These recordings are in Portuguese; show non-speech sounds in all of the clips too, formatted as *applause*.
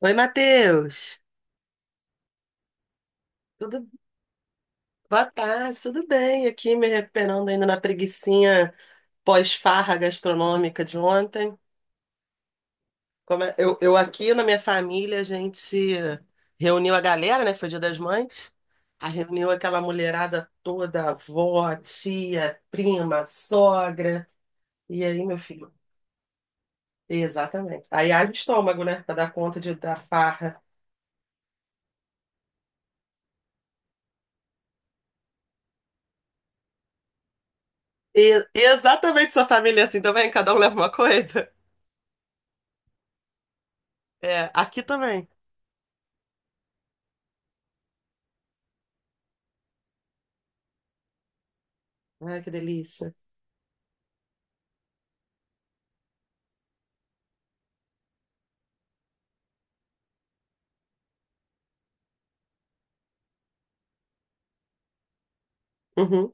Oi, Matheus. Tudo. Boa tarde, tudo bem? Aqui me recuperando ainda na preguicinha pós-farra gastronômica de ontem. Eu aqui na minha família, a gente reuniu a galera, né? Foi Dia das Mães. A Reuniu aquela mulherada toda, avó, tia, prima, sogra. E aí, meu filho? Exatamente. Aí abre o estômago, né? Pra dar conta da farra. Exatamente, sua família é assim também? Cada um leva uma coisa? É, aqui também. Ai, que delícia. Uhum,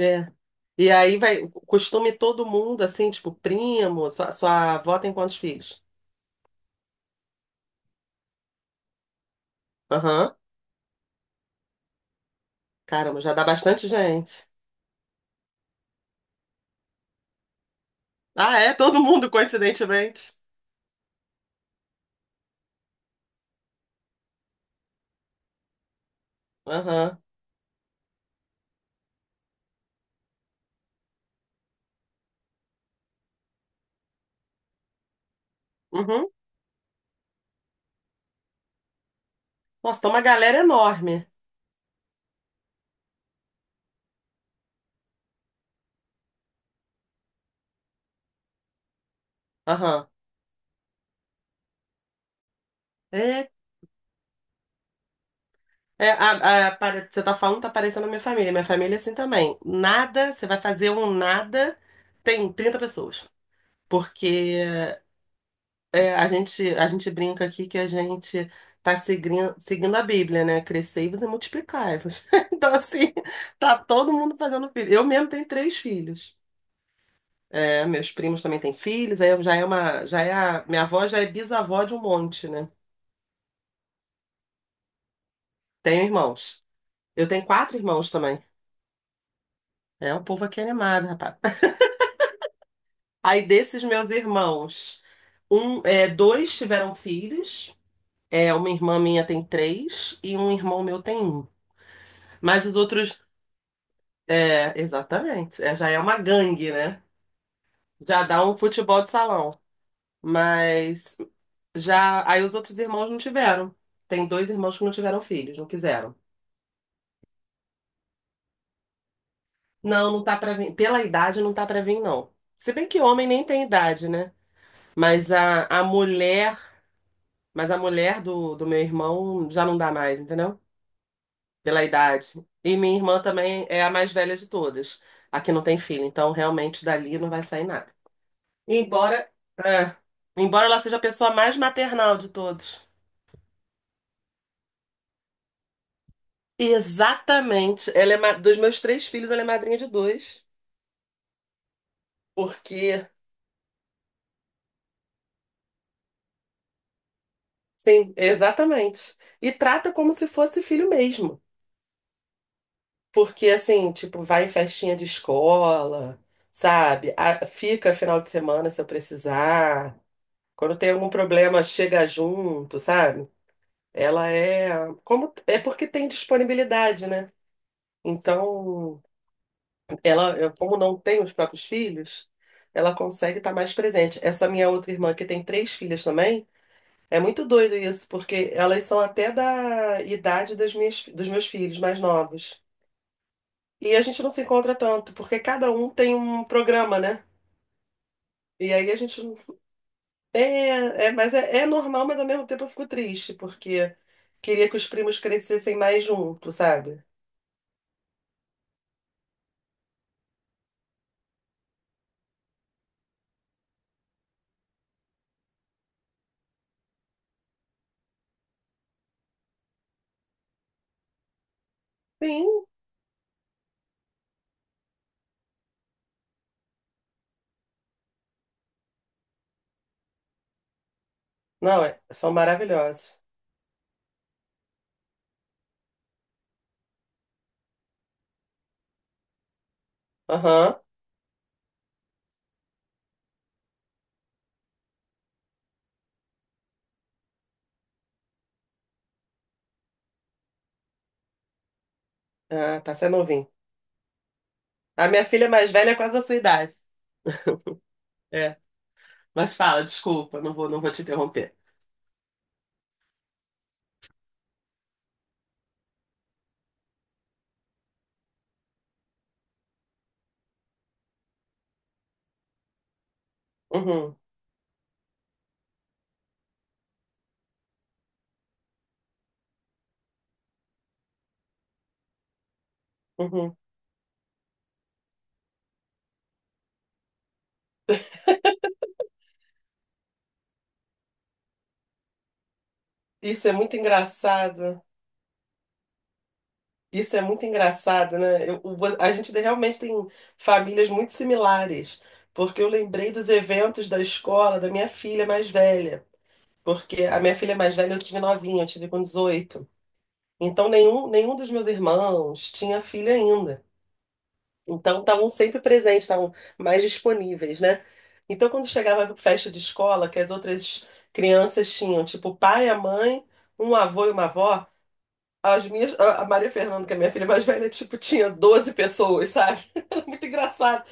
é. E aí vai, costume todo mundo, assim, tipo, primo, sua avó tem quantos filhos? Aham. Caramba, já dá bastante gente. Ah, é? Todo mundo, coincidentemente. Aham. Uhum. Nossa, tem uma galera enorme. Aham. É, Você tá falando, tá parecendo a minha família. Minha família é assim também. Nada, você vai fazer um nada, tem 30 pessoas. Porque É, a gente brinca aqui que a gente tá seguindo a Bíblia, né? Crescei e você multiplicai-vos. *laughs* Então, assim, tá todo mundo fazendo filho. Eu mesmo tenho três filhos. É, meus primos também têm filhos, aí eu já é uma, já é a, minha avó já é bisavó de um monte, né? Tenho irmãos. Eu tenho quatro irmãos também. É, o povo aqui é animado, rapaz. *laughs* Aí desses meus irmãos, dois tiveram filhos. É, uma irmã minha tem três e um irmão meu tem um. Mas os outros É, exatamente. É, já é uma gangue, né? Já dá um futebol de salão. Mas já. Aí os outros irmãos não tiveram. Tem dois irmãos que não tiveram filhos, não quiseram. Não, não tá pra vir. Pela idade não tá pra vir, não. Se bem que homem nem tem idade, né? Mas a mulher. Mas a mulher do meu irmão já não dá mais, entendeu? Pela idade. E minha irmã também é a mais velha de todas. Aqui não tem filho, então realmente dali não vai sair nada. Embora, é, embora ela seja a pessoa mais maternal de todos. Exatamente. Dos meus três filhos, ela é madrinha de dois. Porque, sim, exatamente. E trata como se fosse filho mesmo. Porque, assim, tipo, vai em festinha de escola, sabe? Fica final de semana se eu precisar. Quando tem algum problema, chega junto, sabe? Ela é. É porque tem disponibilidade, né? Então. Como não tem os próprios filhos, ela consegue estar mais presente. Essa minha outra irmã, que tem três filhas também, é muito doido isso, porque elas são até da idade dos meus filhos mais novos. E a gente não se encontra tanto, porque cada um tem um programa, né? E aí a gente. Não- É, mas é normal, mas ao mesmo tempo eu fico triste, porque queria que os primos crescessem mais juntos, sabe? Sim. Não, são maravilhosos. Aham. Ah, tá sendo novinho. A minha filha mais velha é quase a sua idade. É. Mas fala, desculpa, não vou te interromper. Uhum, uhum. Isso é muito engraçado. Isso é muito engraçado, né? A gente realmente tem famílias muito similares, porque eu lembrei dos eventos da escola da minha filha mais velha, porque a minha filha mais velha eu tive novinha, eu tive com 18. Então nenhum dos meus irmãos tinha filho ainda. Então estavam sempre presentes, estavam mais disponíveis, né? Então quando chegava a festa de escola, que as outras crianças tinham, tipo, o pai, a mãe, um avô e uma avó, as minhas, a Maria Fernanda, que é minha filha mais velha, tipo, tinha 12 pessoas, sabe? *laughs* Era muito engraçado.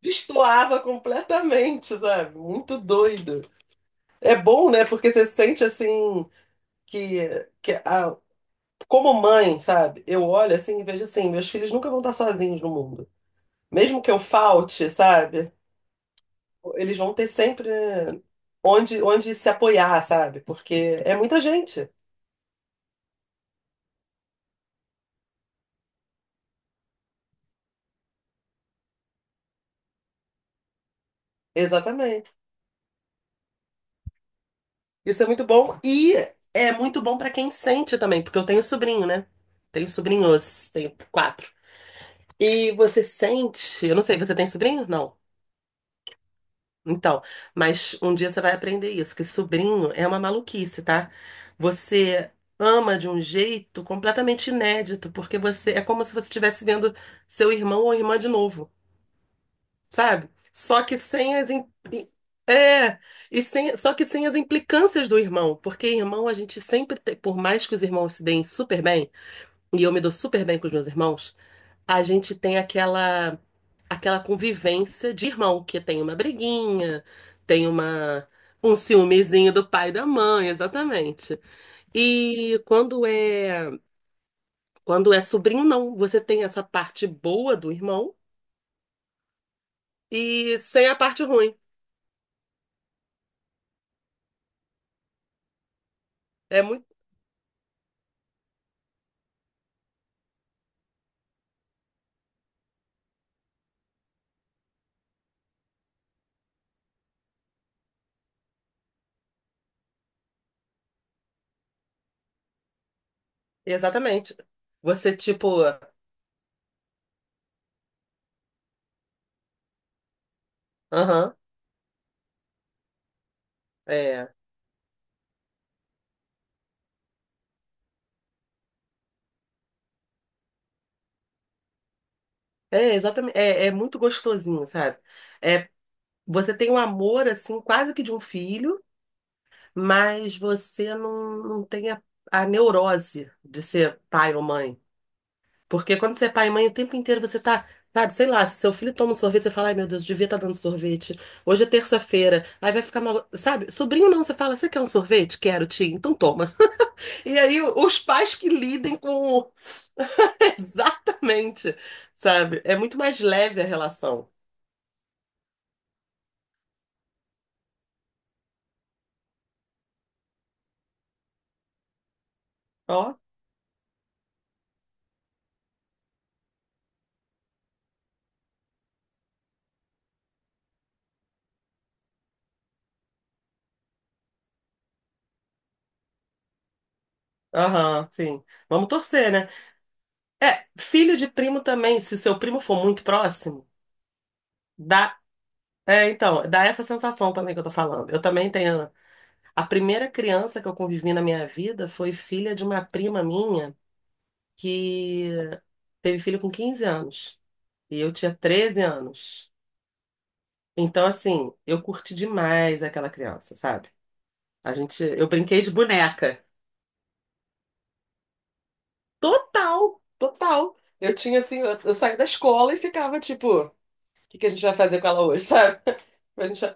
Destoava completamente, sabe? Muito doido. É bom, né? Porque você sente assim que, que a, como mãe, sabe? Eu olho assim e vejo assim, meus filhos nunca vão estar sozinhos no mundo. Mesmo que eu falte, sabe? Eles vão ter sempre onde se apoiar, sabe? Porque é muita gente. Exatamente. Isso é muito bom e é muito bom para quem sente também, porque eu tenho sobrinho, né? Tenho sobrinhos, tenho quatro. E você sente, eu não sei, você tem sobrinho? Não. Então, mas um dia você vai aprender isso, que sobrinho é uma maluquice, tá? Você ama de um jeito completamente inédito, porque você é como se você estivesse vendo seu irmão ou irmã de novo, sabe? Só que sem as im- e- é, e sem, só que sem as implicâncias do irmão, porque irmão a gente sempre tem, por mais que os irmãos se deem super bem, e eu me dou super bem com os meus irmãos, a gente tem aquela convivência de irmão, que tem uma briguinha, tem uma um ciúmezinho do pai e da mãe, exatamente. E quando é sobrinho, não, você tem essa parte boa do irmão e sem a parte ruim. É Exatamente. Você, tipo, aham, é. É, exatamente. É muito gostosinho, sabe? É, você tem um amor, assim, quase que de um filho, mas você não tem a neurose de ser pai ou mãe. Porque quando você é pai e mãe, o tempo inteiro você tá, sabe, sei lá, se seu filho toma um sorvete, você fala, ai meu Deus, devia estar dando sorvete. Hoje é terça-feira, aí vai ficar mal. Sabe, sobrinho não, você fala, você quer um sorvete? Quero, tia, então toma. E aí os pais que lidem com *laughs* Exatamente, sabe? É muito mais leve a relação. Ó, aham, sim. Vamos torcer, né? É, filho de primo também, se seu primo for muito próximo, dá. É, então, dá essa sensação também que eu tô falando. Eu também tenho. A primeira criança que eu convivi na minha vida foi filha de uma prima minha que teve filho com 15 anos. E eu tinha 13 anos. Então, assim, eu curti demais aquela criança, sabe? Eu brinquei de boneca. Total, total. Eu tinha assim, eu saí da escola e ficava tipo, o que que a gente vai fazer com ela hoje, sabe? *laughs* A gente... vai-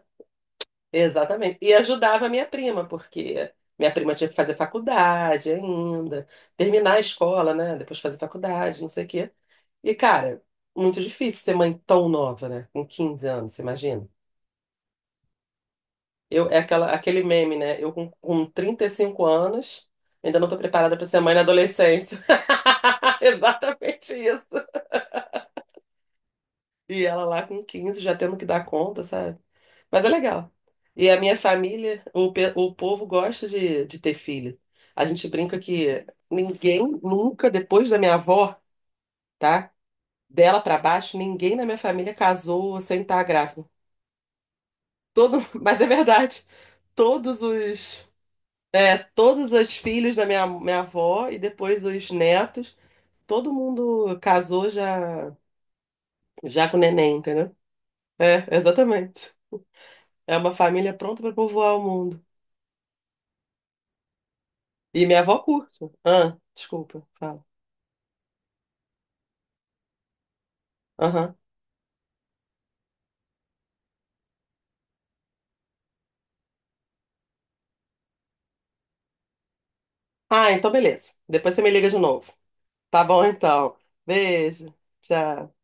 Exatamente. E ajudava a minha prima, porque minha prima tinha que fazer faculdade ainda, terminar a escola, né? Depois fazer faculdade, não sei o quê. E, cara, muito difícil ser mãe tão nova, né? Com 15 anos, você imagina? É aquele meme, né? Eu com 35 anos, ainda não tô preparada para ser mãe na adolescência. *laughs* Exatamente isso. E ela lá com 15 já tendo que dar conta, sabe? Mas é legal. E a minha família, o povo gosta de ter filho. A gente brinca que ninguém nunca, depois da minha avó, tá? Dela pra baixo, ninguém na minha família casou sem estar grávida. Todo, *laughs* mas é verdade. Todos os, todos os filhos da minha avó e depois os netos, todo mundo casou já, já com neném, entendeu? É, exatamente. É uma família pronta para povoar o mundo. E minha avó curte. Ah, desculpa, fala. Aham. Ah, então beleza. Depois você me liga de novo. Tá bom, então. Beijo. Tchau.